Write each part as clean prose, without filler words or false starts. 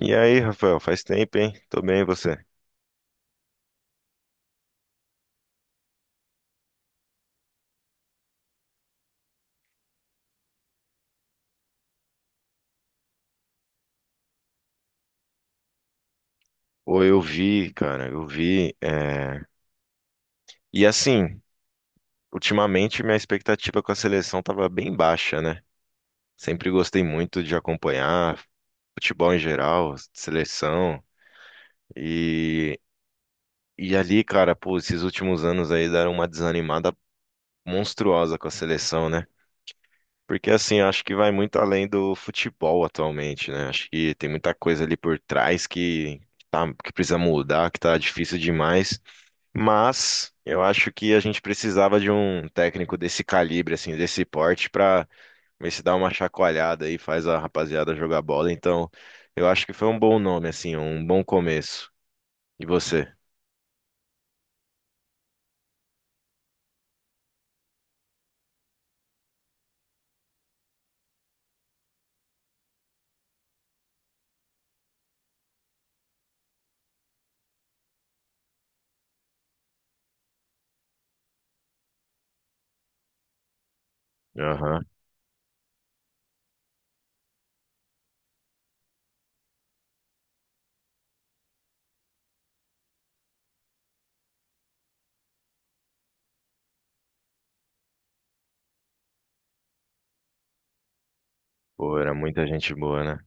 E aí, Rafael, faz tempo, hein? Tô bem, e você? Pô, eu vi, cara, eu vi. E assim, ultimamente minha expectativa com a seleção tava bem baixa, né? Sempre gostei muito de acompanhar futebol em geral, seleção. E, e ali, cara, pô, esses últimos anos aí deram uma desanimada monstruosa com a seleção, né? Porque assim, acho que vai muito além do futebol atualmente, né? Acho que tem muita coisa ali por trás que, tá, que precisa mudar, que tá difícil demais. Mas eu acho que a gente precisava de um técnico desse calibre, assim, desse porte, pra ver se dá uma chacoalhada aí, faz a rapaziada jogar bola. Então, eu acho que foi um bom nome, assim, um bom começo. E você? Aham. Pô, era muita gente boa, né?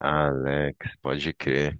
Alex, pode crer.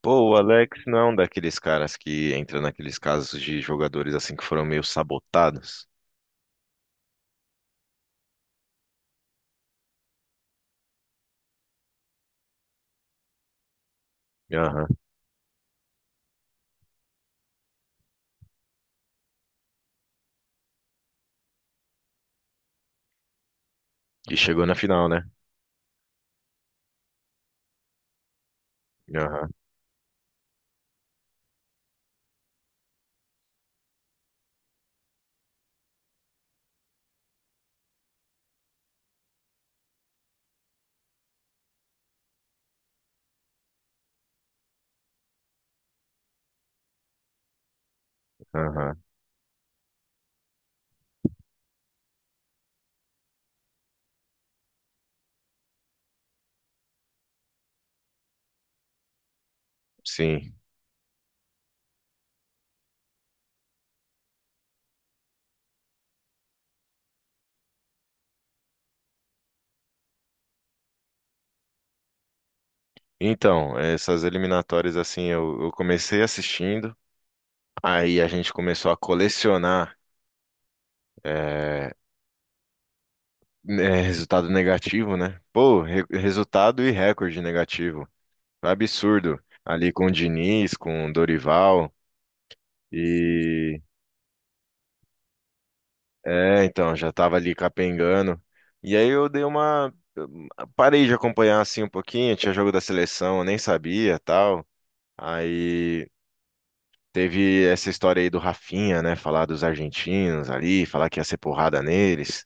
Pô, o Alex não é um daqueles caras que entra naqueles casos de jogadores assim que foram meio sabotados. Aham. E chegou na final, né? Aham, aham. Sim. Então, essas eliminatórias, assim, eu comecei assistindo, aí a gente começou a colecionar é, né, resultado negativo, né? Pô, resultado e recorde negativo. Absurdo. Ali com o Diniz, com o Dorival, e... É, então, já tava ali capengando. E aí eu dei uma... eu parei de acompanhar, assim, um pouquinho, tinha jogo da seleção, eu nem sabia, tal. Aí teve essa história aí do Rafinha, né? Falar dos argentinos ali, falar que ia ser porrada neles.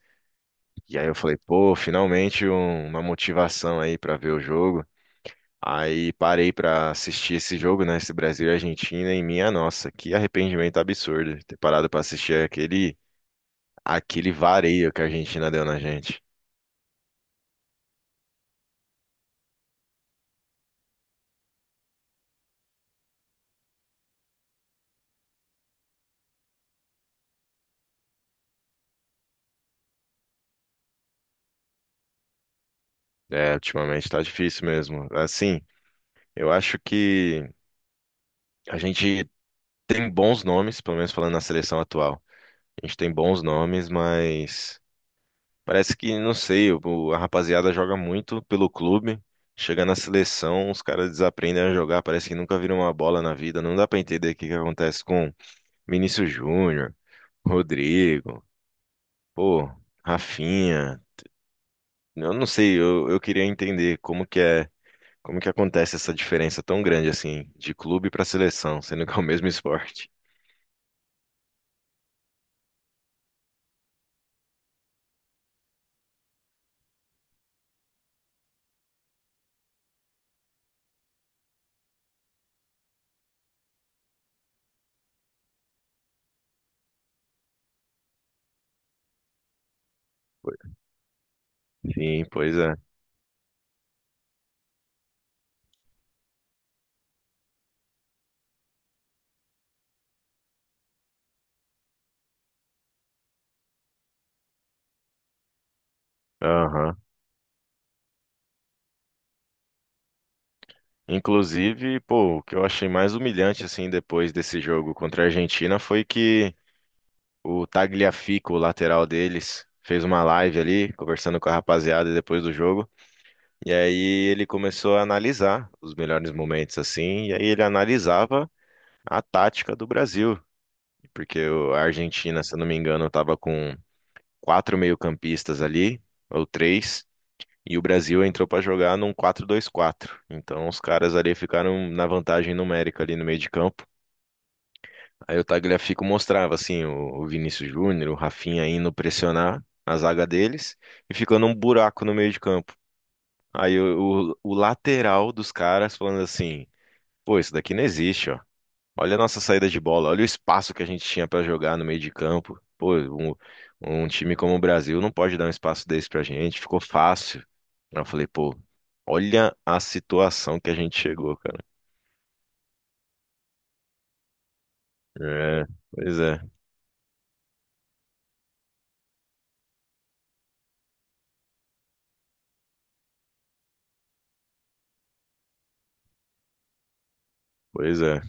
E aí eu falei, pô, finalmente uma motivação aí pra ver o jogo. Aí parei pra assistir esse jogo, né? Esse Brasil e Argentina, e minha nossa, que arrependimento absurdo de ter parado pra assistir aquele vareio que a Argentina deu na gente. É, ultimamente tá difícil mesmo. Assim, eu acho que a gente tem bons nomes, pelo menos falando na seleção atual. A gente tem bons nomes, mas parece que, não sei, a rapaziada joga muito pelo clube. Chega na seleção, os caras desaprendem a jogar, parece que nunca viram uma bola na vida. Não dá pra entender o que que acontece com Vinícius Júnior, Rodrigo, pô, Rafinha. Eu não sei, eu queria entender como que é, como que acontece essa diferença tão grande assim, de clube pra seleção, sendo que é o mesmo esporte. Sim, pois é. Aham. Inclusive, pô, o que eu achei mais humilhante, assim, depois desse jogo contra a Argentina foi que o Tagliafico, o lateral deles, fez uma live ali, conversando com a rapaziada depois do jogo. E aí ele começou a analisar os melhores momentos, assim, e aí ele analisava a tática do Brasil. Porque a Argentina, se eu não me engano, estava com quatro meio-campistas ali, ou três. E o Brasil entrou para jogar num 4-2-4. Então os caras ali ficaram na vantagem numérica ali no meio de campo. Aí o Tagliafico mostrava assim o Vinícius Júnior, o Rafinha indo pressionar a zaga deles e ficando um buraco no meio de campo. Aí o lateral dos caras falando assim: "Pô, isso daqui não existe, ó. Olha a nossa saída de bola, olha o espaço que a gente tinha pra jogar no meio de campo. Pô, um time como o Brasil não pode dar um espaço desse pra gente, ficou fácil. Aí eu falei, pô, olha a situação que a gente chegou, cara. É, pois é, pois é,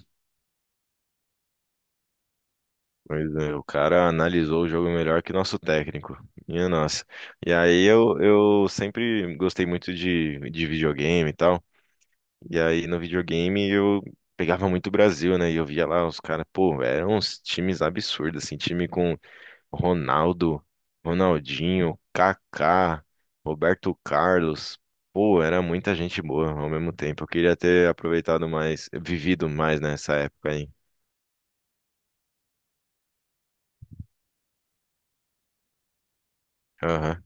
pois é. O cara analisou o jogo melhor que nosso técnico. Minha nossa. E aí eu sempre gostei muito de videogame e tal. E aí no videogame eu pegava muito o Brasil, né? E eu via lá os caras, pô, eram uns times absurdos, assim, time com Ronaldo, Ronaldinho, Kaká, Roberto Carlos. Pô, era muita gente boa ao mesmo tempo. Eu queria ter aproveitado mais, vivido mais nessa época aí. Aham,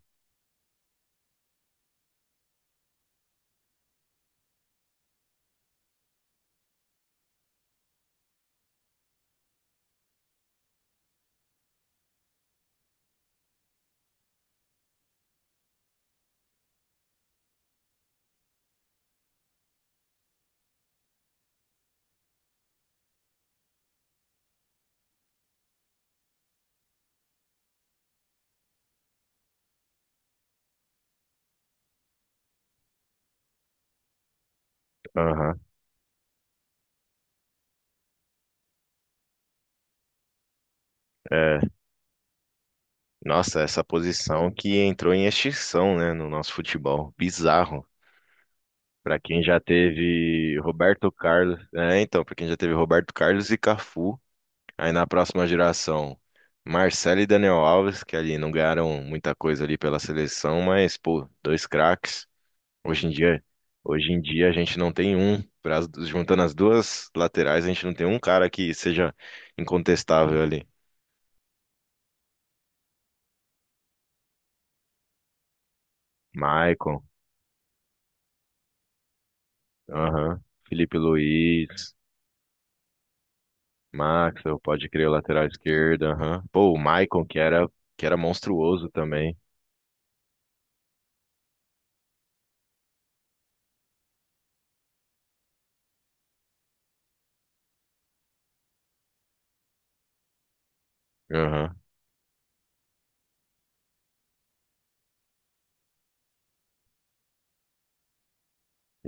aham. É. Nossa, essa posição que entrou em extinção, né, no nosso futebol. Bizarro. Pra quem já teve Roberto Carlos, é, então, pra quem já teve Roberto Carlos e Cafu, aí na próxima geração, Marcelo e Daniel Alves, que ali não ganharam muita coisa ali pela seleção, mas pô, dois craques. Hoje em dia, hoje em dia a gente não tem um, juntando as duas laterais, a gente não tem um cara que seja incontestável ali. Maicon, aham, Felipe Luiz, Maxwell, pode crer, o lateral esquerdo, aham. Pô, o Maicon que era monstruoso também. Aham,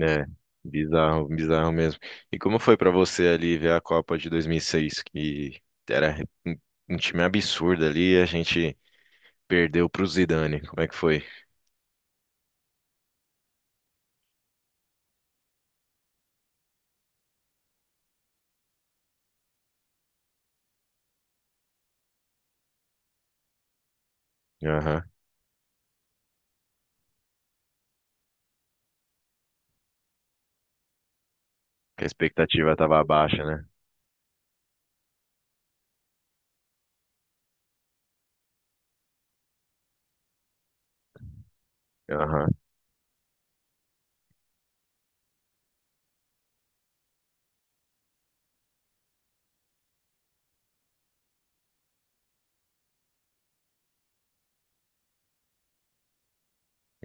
é. Bizarro, bizarro mesmo. E como foi pra você ali ver a Copa de 2006, que era um um time absurdo ali, e a gente perdeu pro Zidane. Como é que foi? Aham. Que a expectativa tava baixa, né? Aham,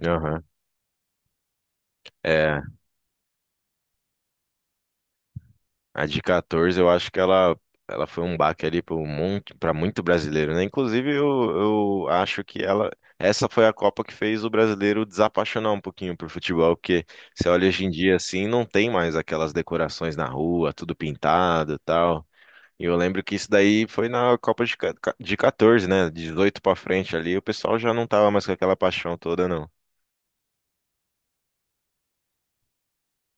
aham. É, a de 14, eu acho que ela foi um baque ali para monte, para muito brasileiro, né? Inclusive, eu acho que ela, essa foi a Copa que fez o brasileiro desapaixonar um pouquinho por futebol, porque você olha hoje em dia assim, não tem mais aquelas decorações na rua, tudo pintado e tal. E eu lembro que isso daí foi na Copa de, de 14, né? De 18 para frente ali, o pessoal já não tava mais com aquela paixão toda, não.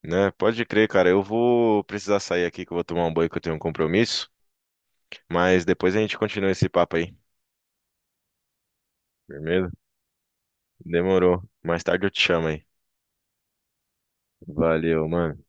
Né? Pode crer, cara. Eu vou precisar sair aqui que eu vou tomar um banho que eu tenho um compromisso. Mas depois a gente continua esse papo aí. Beleza? Demorou. Mais tarde eu te chamo aí. Valeu, mano.